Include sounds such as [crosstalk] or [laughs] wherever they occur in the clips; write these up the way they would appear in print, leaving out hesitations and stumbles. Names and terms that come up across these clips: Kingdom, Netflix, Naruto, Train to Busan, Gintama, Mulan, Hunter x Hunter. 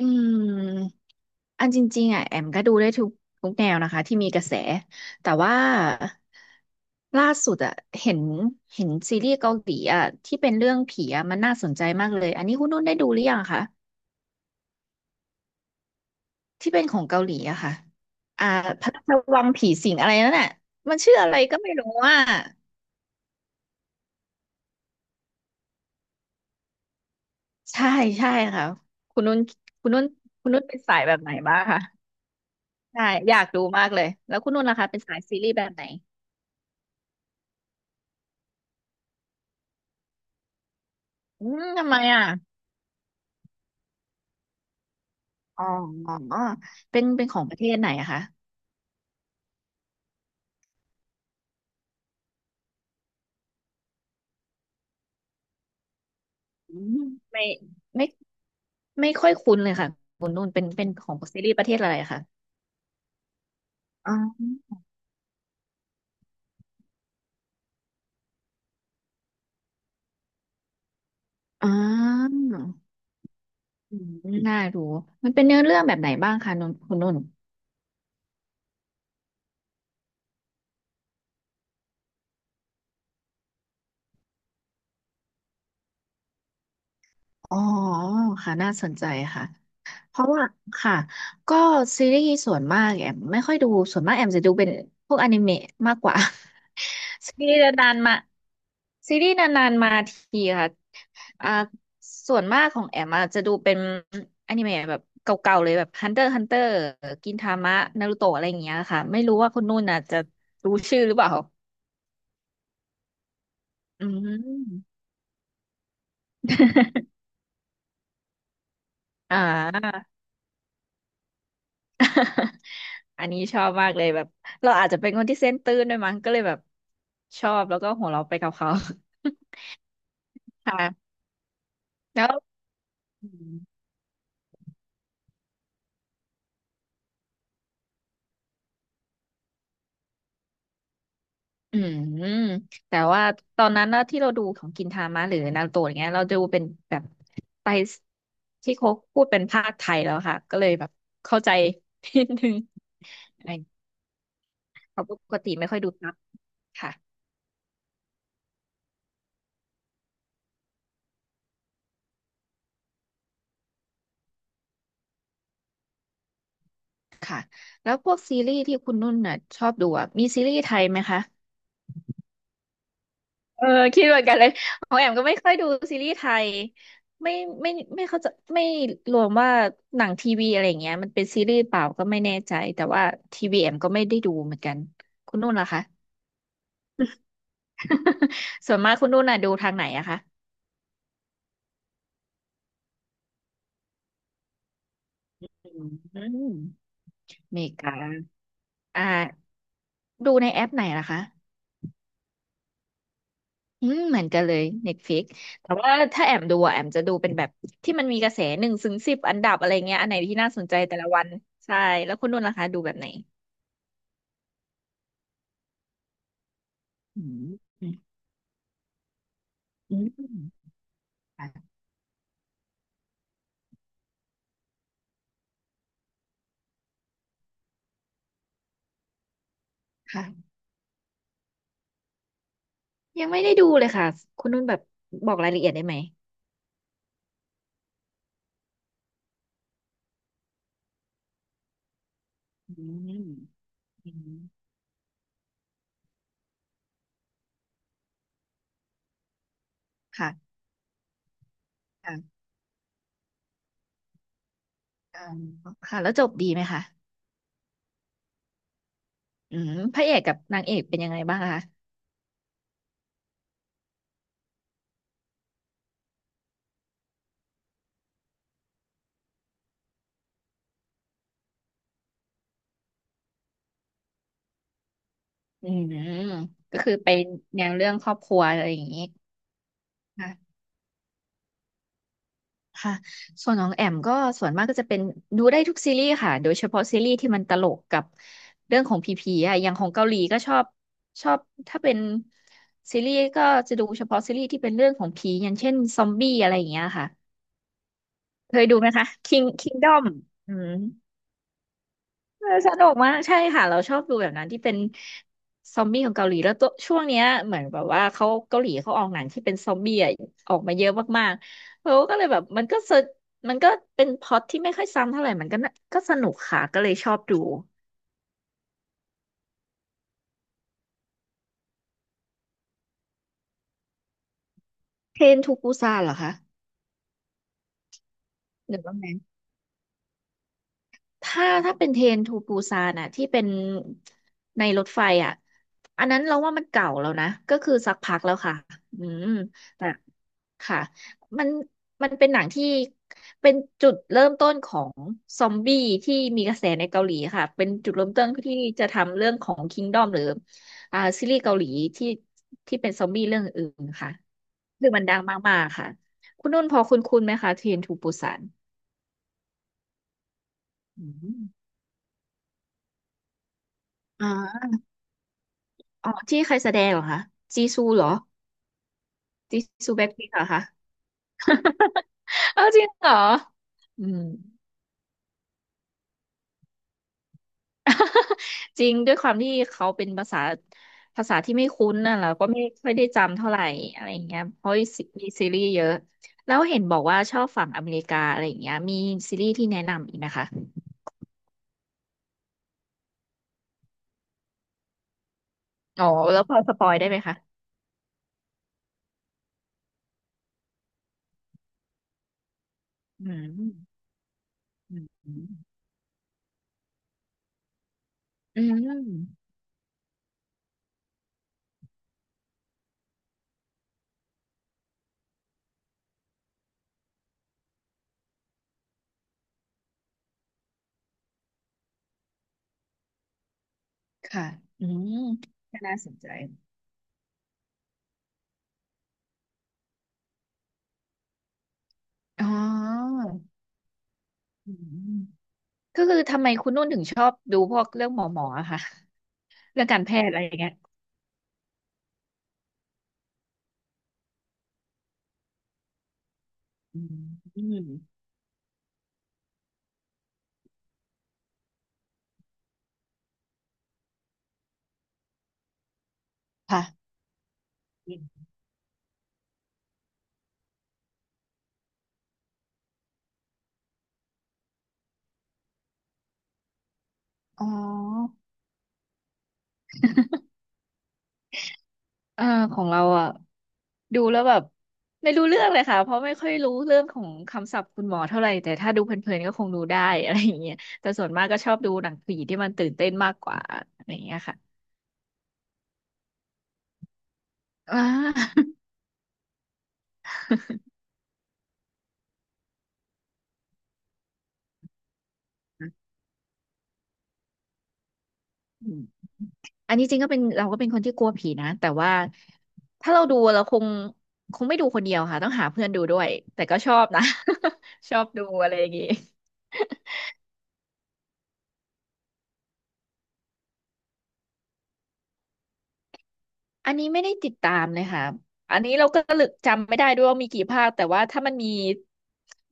อืมอันจริงๆอ่ะแอมก็ดูได้ทุกแนวนะคะที่มีกระแสแต่ว่าล่าสุดอ่ะเห็นเห็นซีรีส์เกาหลีอ่ะที่เป็นเรื่องผีอ่ะมันน่าสนใจมากเลยอันนี้คุณนุ่นได้ดูหรือยังคะที่เป็นของเกาหลีอะค่ะอ่าพระราชวังผีสิงอะไรนั่นน่ะมันชื่ออะไรก็ไม่รู้อ่ะใช่ใช่ค่ะคุณนุ่นคุณนุ่นคุณนุ่นเป็นสายแบบไหนบ้างคะใช่อยากดูมากเลยแล้วคุณนุ่นล่ะคะเป็นสายซีรีส์แบบไหนทำไมอ่ะ อ๋อเป็นของประเทศไหนอะคะอืมไม่ไม่ไม่ค่อยคุ้นเลยค่ะคุณนุ่นเป็นของซีรีส์ประเทศอะไรอะคะอ๋ออ๋ออืมน่าดูมันเป็นเนื้อเรื่องแบบไหนบ้างคะคุณนุ่นอ๋อค่ะน่าสนใจค่ะ เพราะว่าค่ะก็ซีรีส์ส่วนมากแอมไม่ค่อยดูส่วนมากแอมจะดูเป็นพวกอนิเมะมากกว่า [laughs] ซีรีส์นานๆมาซีรีส์นานๆมาทีค่ะอ่าส่วนมากของแอมอะจะดูเป็นอนิเมะแบบเก่าๆเลยแบบ Hunter x Hunter กินทามะนารูโตะอะไรอย่างเงี้ยค่ะไม่รู้ว่าคุณนุ่นอ่ะจะรู้ชื่อหรือเปล่าอืม [laughs] อ่า [laughs] อันนี้ชอบมากเลยแบบเราอาจจะเป็นคนที่เซนส์ตื้นด้วยมั้งก็เลยแบบชอบแล้วก็หัวเราะไปกับเขา [laughs] ค่ะแล้วอืมอืมแต่ว่าตอนนั้นนะที่เราดูของกินทามะหรือนารูโตะอย่างเงี้ยเราดูเป็นแบบไปที่เขาพูดเป็นภาคไทยแล้วค่ะก็เลยแบบเข้าใจ [laughs] นิดนึงอะไรเขาะปกติไม่ค่อยดูซับค่ะค่ะแล้วพวกซีรีส์ที่คุณนุ่นน่ะชอบดูอ่ะมีซีรีส์ไทยไหมคะ เออคิดเหมือนกันเลยของแอมก็ไม่ค่อยดูซีรีส์ไทยไม่ไม่ไม่เข้าใจไม่รวมว่าหนังทีวีอะไรอย่างเงี้ยมันเป็นซีรีส์เปล่าก็ไม่แน่ใจแต่ว่าทีวีแอมก็ไม่ได้ดูเหมือนกันคุณนุ่นล่ะคะ [laughs] ส่วนมากคุณนุ่นน่ะดูทางไหนอะคะอืมอเมริกาอ่าดูในแอปไหนล่ะคะอืมเหมือนกันเลย Netflix แต่ว่าถ้าแอมดูอะแอมจะดูเป็นแบบที่มันมีกระแสหนึ่งถึงสิบอันดับอะไรเงี้ยอันไหนที่น่าสนใจแต่ละวันใช่แล้วคุณนุ่นล่ะคะดูแบบไหน อืมอืมอืมค่ะค่ะยังไม่ได้ดูเลยค่ะคุณนุ่นแบบบอกรายละเอียดได้ไหมอืมอืมค่ะค่ะอ่าค่ะแล้วจบดีไหมคะอืมพระเอกกับนางเอกเป็นยังไงบ้างคะอืมก็คือไปแนวเรื่องครอบครัวอะไรอย่างนี้ ค่ะส่วนของแอมก็ส่วนมากก็จะเป็นดูได้ทุกซีรีส์ค่ะโดยเฉพาะซีรีส์ที่มันตลกกับเรื่องของผีๆอ่ะอย่างของเกาหลีก็ชอบถ้าเป็นซีรีส์ก็จะดูเฉพาะซีรีส์ที่เป็นเรื่องของผีอย่างเช่นซอมบี้อะไรอย่างเงี้ยค่ะเคยดูไหมคะ King Kingdom อืม เออสนุกมากใช่ค่ะเราชอบดูแบบนั้นที่เป็นซอมบี้ของเกาหลีแล้วตัวช่วงเนี้ยเหมือนแบบว่าเขาเกาหลีเขาออกหนังที่เป็นซอมบี้อะออกมาเยอะมากๆเราก็เลยแบบมันก็เป็นพล็อตที่ไม่ค่อยซ้ำเท่าไหร่มันก็ก็สนุกค่ะก็เลยชอบดูเทรนทูปูซานเหรอคะหรือว่าไงถ้าเป็นเทรนทูปูซานอะที่เป็นในรถไฟอะอันนั้นเราว่ามันเก่าแล้วนะก็คือสักพักแล้วค่ะอืม ค่ะมันมันเป็นหนังที่เป็นจุดเริ่มต้นของซอมบี้ที่มีกระแสในเกาหลีค่ะเป็นจุดเริ่มต้นที่จะทำเรื่องของ Kingdom หรืออ่าซีรีส์เกาหลีที่ที่เป็นซอมบี้เรื่องอื่นค่ะคือมันดังมากๆค่ะคุณนุ่นพอคุณไหมคะเทรนทูปูซานอืมอ่าอ๋อที่ใครแสดงเหรอคะจีซูเหรอจีซูแบ็คพิงค์เหรอคะ [laughs] เอาจริงเหรออืม จริงด้วยความที่เขาเป็นภาษาที่ไม่คุ้นน่ะเราก็ไม่ค่อยได้จำเท่าไหร่อะไรอย่างเงี้ยเพราะมีซีรีส์เยอะแล้วเห็นบอกว่าชอบฝั่งอเมริกาอะไรอย่างเงี้ยมีซีรีส์ที่แนะนำอีกนะคะอ๋อแล้วพอสปอยได้ไหมคะอืมอืมอืมค่ะอืมก็น่าสนใจอ๋ออืมก็คือทำไมคุณนุ่นถึงชอบดูพวกเรื่องหมออะคะเรื่องการแพทย์อะไรอย่างเงี้ยอืมอืมค่ะอ๋อ อ่าของเราอ่ะดูแล้วแบบไม่รู้เรื่องเลยค่ะเพราะไม่ค่อยรู้เรื่องของคำศัพท์คุณหมอเท่าไหร่แต่ถ้าดูเพลินๆก็คงดูได้ [laughs] อะไรอย่างเงี้ยแต่ส่วนมากก็ชอบดูหนังผีที่มันตื่นเต้นมากกว่าอะไรอย่างเงี้ยค่ะอ่าอืมอันนี้จริงก็เป็นเราก็เป็นคนที่กลัวผีนะแต่ว่าถ้าเราดูเราคงไม่ดูคนเดียวค่ะต้องหาเพื่อนดูด้วยแต่ก็ชอบนะ [laughs] ชอบดูอะไรอย่างงี้ อันนี้ไม่ได้ติดตามเลยค่ะ อันนี้เราก็ลึกจำไม่ได้ด้วยว่ามีกี่ภาค แต่ว่าถ้ามันมี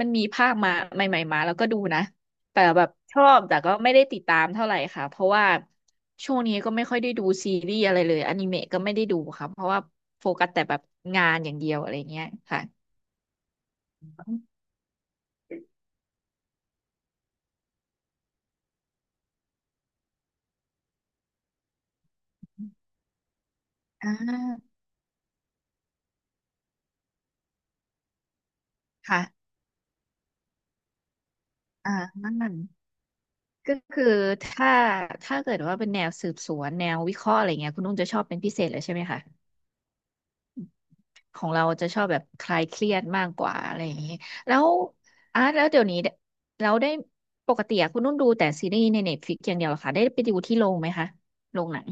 มีภาคมาใหม่ๆมาแล้วก็ดูนะแต่แบบชอบแต่ก็ไม่ได้ติดตามเท่าไหร่ค่ะเพราะว่าช่วงนี้ก็ไม่ค่อยได้ดูซีรีส์อะไรเลยอนิเมะก็ไม่ได้ดูค่ะเพราะว่าโฟกัสแต่แบบงานอย่างเดียวอะไรเงี้ยค่ะอ่าค่ะอ่านั่นมันก็คือถ้าถ้าเกิดว่าเป็นแนวสืบสวนแนววิเคราะห์อะไรเงี้ยคุณนุ่งจะชอบเป็นพิเศษเลยใช่ไหมคะ ของเราจะชอบแบบคลายเครียดมากกว่าอะไรอย่างนี้แล้วอาร์ตแล้วเดี๋ยวนี้เราได้ปกติอะคุณนุ่นดูแต่ซีรีส์ในเน็ตฟลิกอย่างเดียวเหรอคะได้ไปดูที่โรงไหมคะโรงหนัง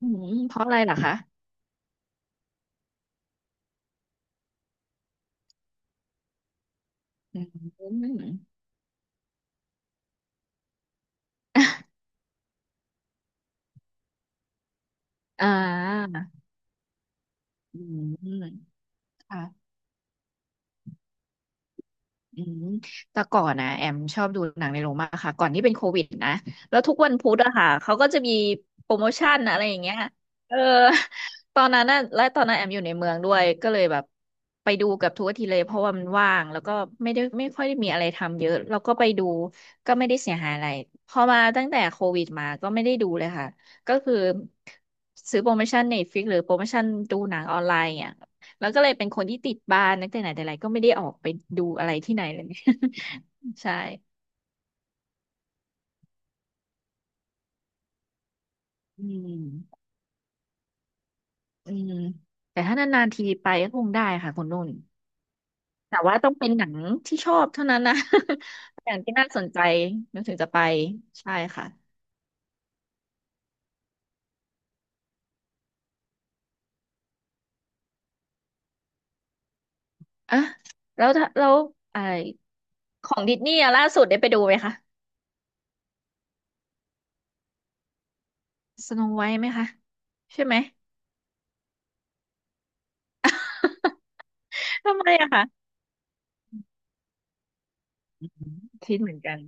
อืมเพราะอะไรเหรอคะอืมอ่าอืมค่ะ อืมแต่ก่อนนะแอมชอบดูหนังในโรงมากค่ะก่อนที่เป็นโควิดนะแล้วทุกวันพุธอะค่ะเขาก็จะมีโปรโมชั่นอะไรอย่างเงี้ยเออตอนนั้นน่ะและตอนนั้นแอมอยู่ในเมืองด้วยก็เลยแบบไปดูกับทุกอาทิตย์เลยเพราะว่ามันว่างแล้วก็ไม่ค่อยได้มีอะไรทำเยอะแล้วก็ไปดูก็ไม่ได้เสียหายอะไรพอมาตั้งแต่โควิดมาก็ไม่ได้ดูเลยค่ะก็คือซื้อโปรโมชั่น Netflix หรือโปรโมชั่นดูหนังออนไลน์อ่ะ แล้วก็เลยเป็นคนที่ติดบ้านตั้งแต่ไหนแต่ไรก็ไม่ได้ออกไปดูอะไรที่ไหนเลย [laughs] ใช่อืมอืมแต่ถ้านานๆทีไปก็คงได้ค่ะคุณนุ่นแต่ว่าต้องเป็นหนังที่ชอบเท่านั้นนะ [laughs] หนังที่น่าสนใจนึกถึงจะไปใช่ค่ะอ่ะแล้วถ้าแล้วไอของดิสนีย์อะล่าสุดได้ไปดูไหมคะสโนไวท์ไหมคะใช่ไหม [laughs] ทำไมอะคะคิดเหมือนกัน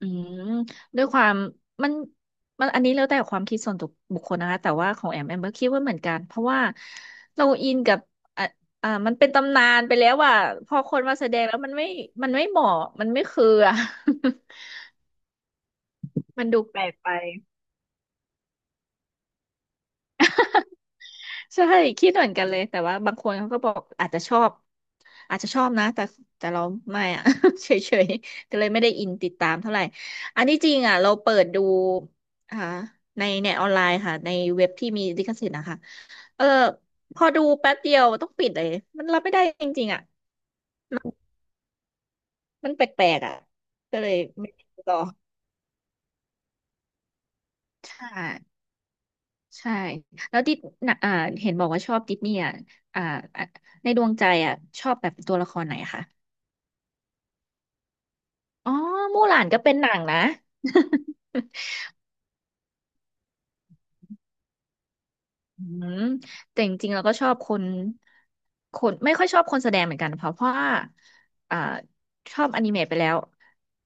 อืมด้วยความมันมันอันนี้แล้วแต่ความคิดส่วนตัวบุคคลนะคะแต่ว่าของแอมก็คิดว่าเหมือนกันเพราะว่าเราอินกับอ่ะอ่ามันเป็นตำนานไปแล้วว่าพอคนมาแสดงแล้วมันไม่มันไม่เหมาะมันไม่คืออ่ะ [laughs] มันดูแปลกไป ใช่คิดเหมือนกันเลยแต่ว่าบางคนเขาก็บอกอาจจะชอบอาจจะชอบนะแต่แต่เราไม่อะ [laughs] เฉยๆก็เลยไม่ได้อินติดตามเท่าไหร่อันที่จริงอ่ะเราเปิดดูอ่าในเน็ตออนไลน์ค่ะในเว็บที่มีลิขสิทธิ์นะคะเออพอดูแป๊บเดียวต้องปิดเลยมันรับไม่ได้จริงๆอ่ะมันแปลกๆอ่ะก็เลยไม่ได้ต่อใช่ใช่แล้วดิสน่ะอ่าเห็นบอกว่าชอบดิสนีย์อ่ะอ่าอ่ะในดวงใจอ่ะชอบแบบตัวละครไหนคะ อ๋อมู่หลานก็เป็นหนังนะอืมแต่จริงๆเราก็ชอบคนคนไม่ค่อยชอบคนแสดงเหมือนกันเพราะว่าอ่าชอบอนิเมะไปแล้ว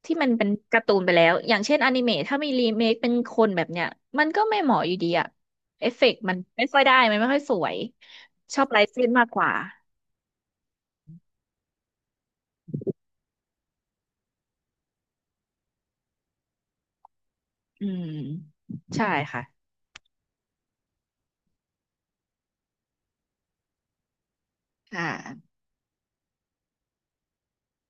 ที่มันเป็นการ์ตูนไปแล้วอย่างเช่นอนิเมะถ้ามีรีเมคเป็นคนแบบเนี้ยมันก็ไม่เหมาะอยู่ดีอะเอฟเฟกต์มันไม่ค่อยได้มันไม่ค่อยสวยชอบไลท์เส้นมากกว่าอืมใช่ค่ะค่ะ